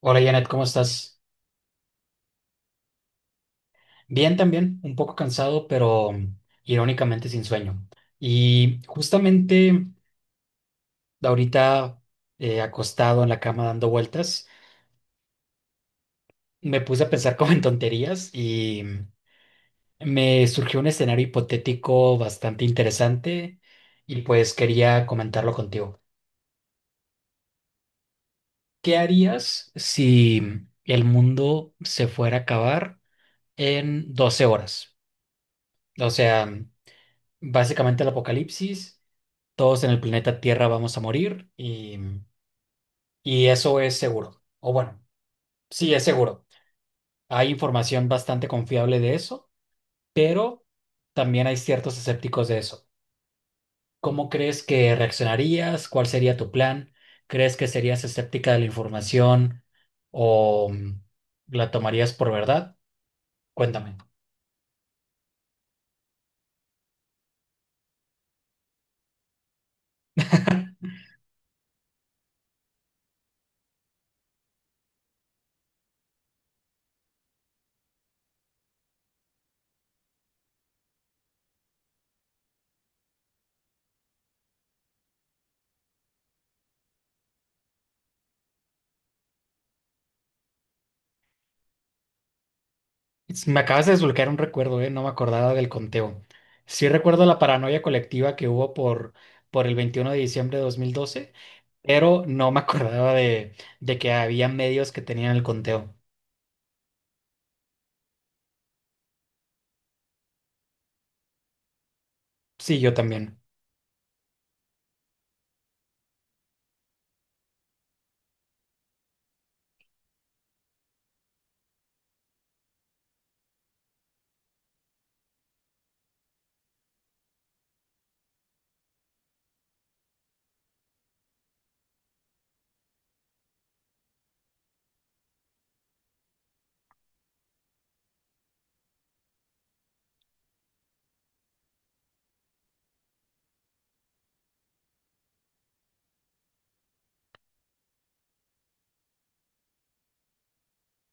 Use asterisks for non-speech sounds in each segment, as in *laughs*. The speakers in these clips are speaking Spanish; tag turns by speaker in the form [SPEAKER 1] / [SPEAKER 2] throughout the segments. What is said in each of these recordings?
[SPEAKER 1] Hola Janet, ¿cómo estás? Bien también, un poco cansado, pero irónicamente sin sueño. Y justamente ahorita acostado en la cama dando vueltas, me puse a pensar *laughs* como en tonterías y me surgió un escenario hipotético bastante interesante y pues quería comentarlo contigo. ¿Qué harías si el mundo se fuera a acabar en 12 horas? O sea, básicamente el apocalipsis. Todos en el planeta Tierra vamos a morir y eso es seguro. O bueno, sí es seguro. Hay información bastante confiable de eso, pero también hay ciertos escépticos de eso. ¿Cómo crees que reaccionarías? ¿Cuál sería tu plan? ¿Crees que serías escéptica de la información o la tomarías por verdad? Cuéntame. *laughs* Me acabas de desbloquear un recuerdo, ¿eh? No me acordaba del conteo. Sí recuerdo la paranoia colectiva que hubo por el 21 de diciembre de 2012, pero no me *laughs* acordaba de que había medios que tenían el conteo. Sí, yo también.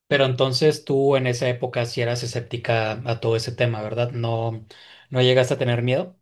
[SPEAKER 1] Pero entonces tú en esa época sí eras escéptica a todo ese tema, ¿verdad? No, no llegaste a tener miedo.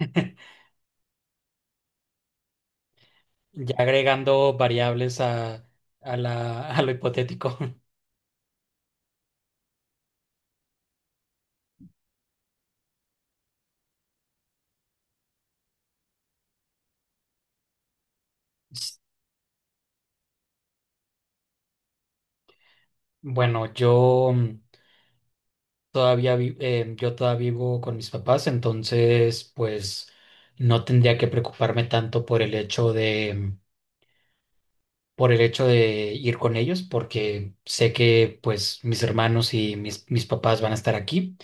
[SPEAKER 1] *laughs* Ya agregando variables *laughs* a lo hipotético. *laughs* Bueno, yo todavía vivo con mis papás, entonces pues no tendría que preocuparme tanto por el hecho de ir con ellos, porque sé que pues mis hermanos y mis papás van a estar aquí.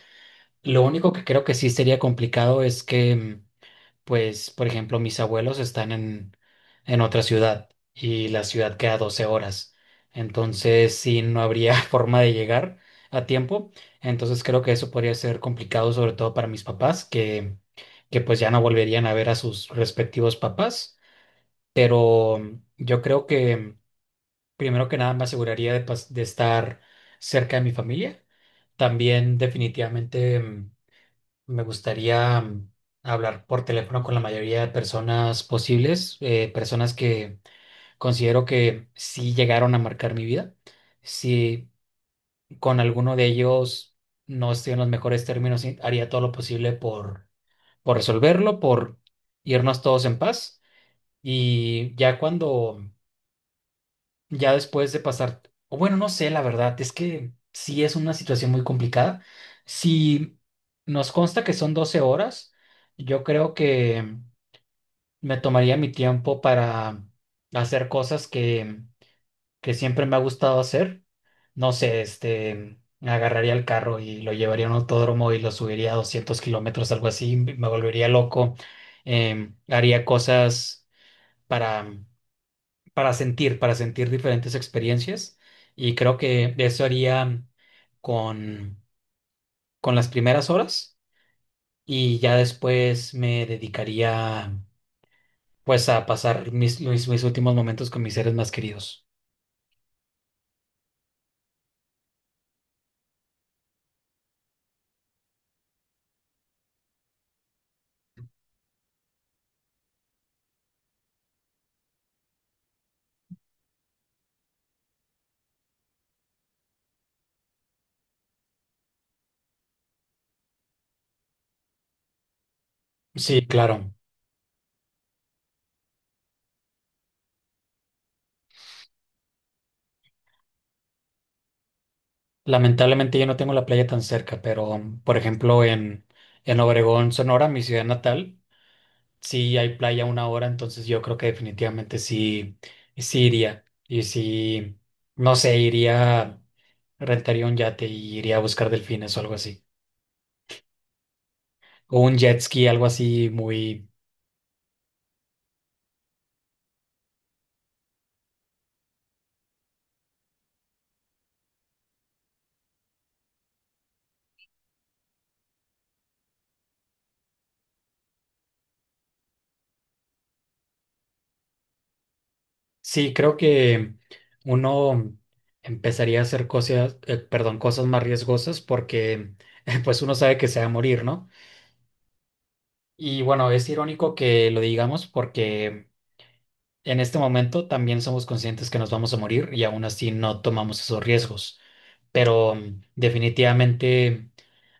[SPEAKER 1] Lo único que creo que sí sería complicado es que pues, por ejemplo, mis abuelos están en otra ciudad y la ciudad queda 12 horas. Entonces, sí, no habría *laughs* forma de llegar a tiempo. Entonces, creo que eso podría ser complicado, sobre todo para mis papás, que pues ya no volverían a ver a sus respectivos papás. Pero yo creo que primero que nada me aseguraría de, de estar cerca de mi familia. También definitivamente me gustaría hablar por teléfono con la mayoría de personas posibles, personas que considero que sí llegaron a marcar mi vida. Si con alguno de ellos no estoy en los mejores términos, sí, haría todo lo posible por resolverlo, por irnos todos en paz. Y ya cuando ya después de pasar, o bueno, no sé, la verdad, es que sí es una situación muy complicada. Si nos consta que son 12 horas, yo creo que me tomaría mi tiempo para hacer cosas que siempre me ha gustado hacer. No sé, este, agarraría el carro y lo llevaría a un autódromo y lo subiría a 200 kilómetros, algo así, me volvería loco. Haría cosas para para sentir diferentes experiencias. Y creo que eso haría con, con las primeras horas y ya después me dedicaría pues a pasar mis, últimos momentos con mis seres más queridos. Sí, claro. Lamentablemente yo no tengo la playa tan cerca, pero por ejemplo en Obregón, Sonora, mi ciudad natal, sí, hay playa una hora, entonces yo creo que definitivamente sí, sí iría. Y sí, no sé, iría, rentaría un yate y iría a buscar delfines o algo así. O un jet ski, algo así muy... Sí, creo que uno empezaría a hacer cosas, perdón, cosas más riesgosas porque *laughs* pues uno sabe que se va a morir, ¿no? Y bueno, es irónico que lo digamos porque en este momento también somos conscientes que nos vamos a morir y aún así no tomamos esos riesgos. Pero definitivamente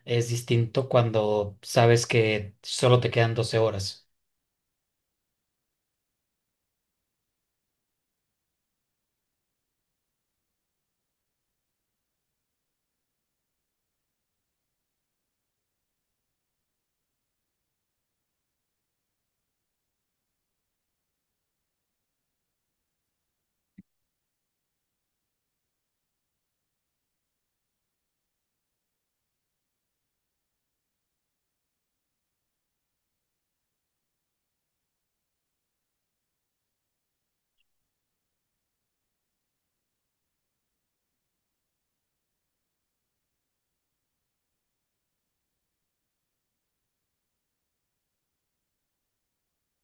[SPEAKER 1] es distinto cuando sabes que solo te quedan 12 horas.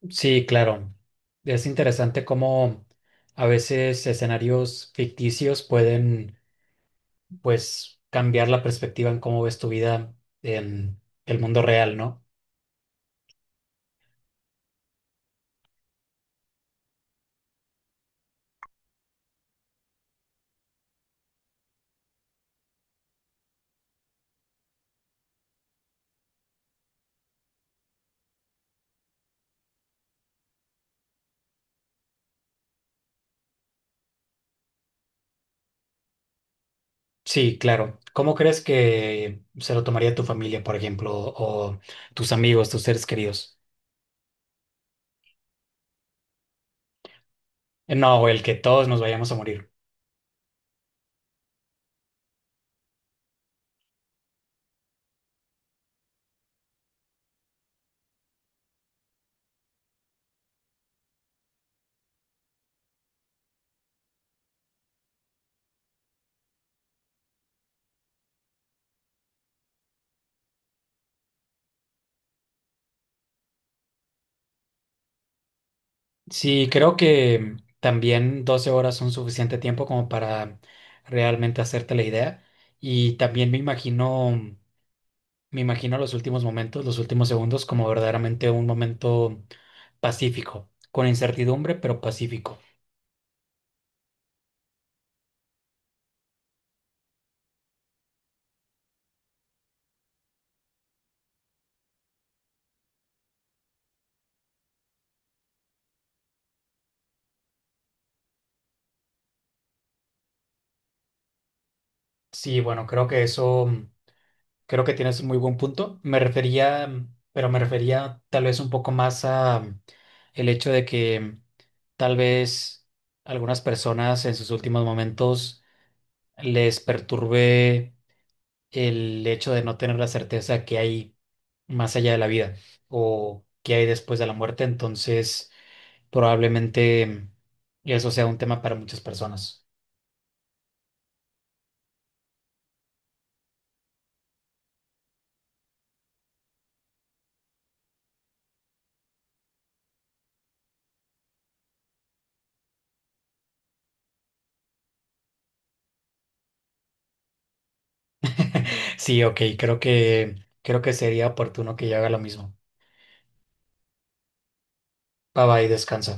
[SPEAKER 1] Sí, claro. Es interesante cómo a veces escenarios ficticios pueden, pues, cambiar la perspectiva en cómo ves tu vida en el mundo real, ¿no? Sí, claro. ¿Cómo crees que se lo tomaría tu familia, por ejemplo, o tus amigos, tus seres queridos? No, el que todos nos vayamos a morir. Sí, creo que también 12 horas son suficiente tiempo como para realmente hacerte la idea. Y también me imagino los últimos momentos, los últimos segundos, como verdaderamente un momento pacífico, con incertidumbre, pero pacífico. Sí, bueno, creo que eso, creo que tienes un muy buen punto. Me refería, pero me refería tal vez un poco más a el hecho de que tal vez algunas personas en sus últimos momentos les perturbe el hecho de no tener la certeza que hay más allá de la vida o que hay después de la muerte. Entonces, probablemente eso sea un tema para muchas personas. *laughs* Sí, ok, creo que sería oportuno que yo haga lo mismo. Bye bye, descansa.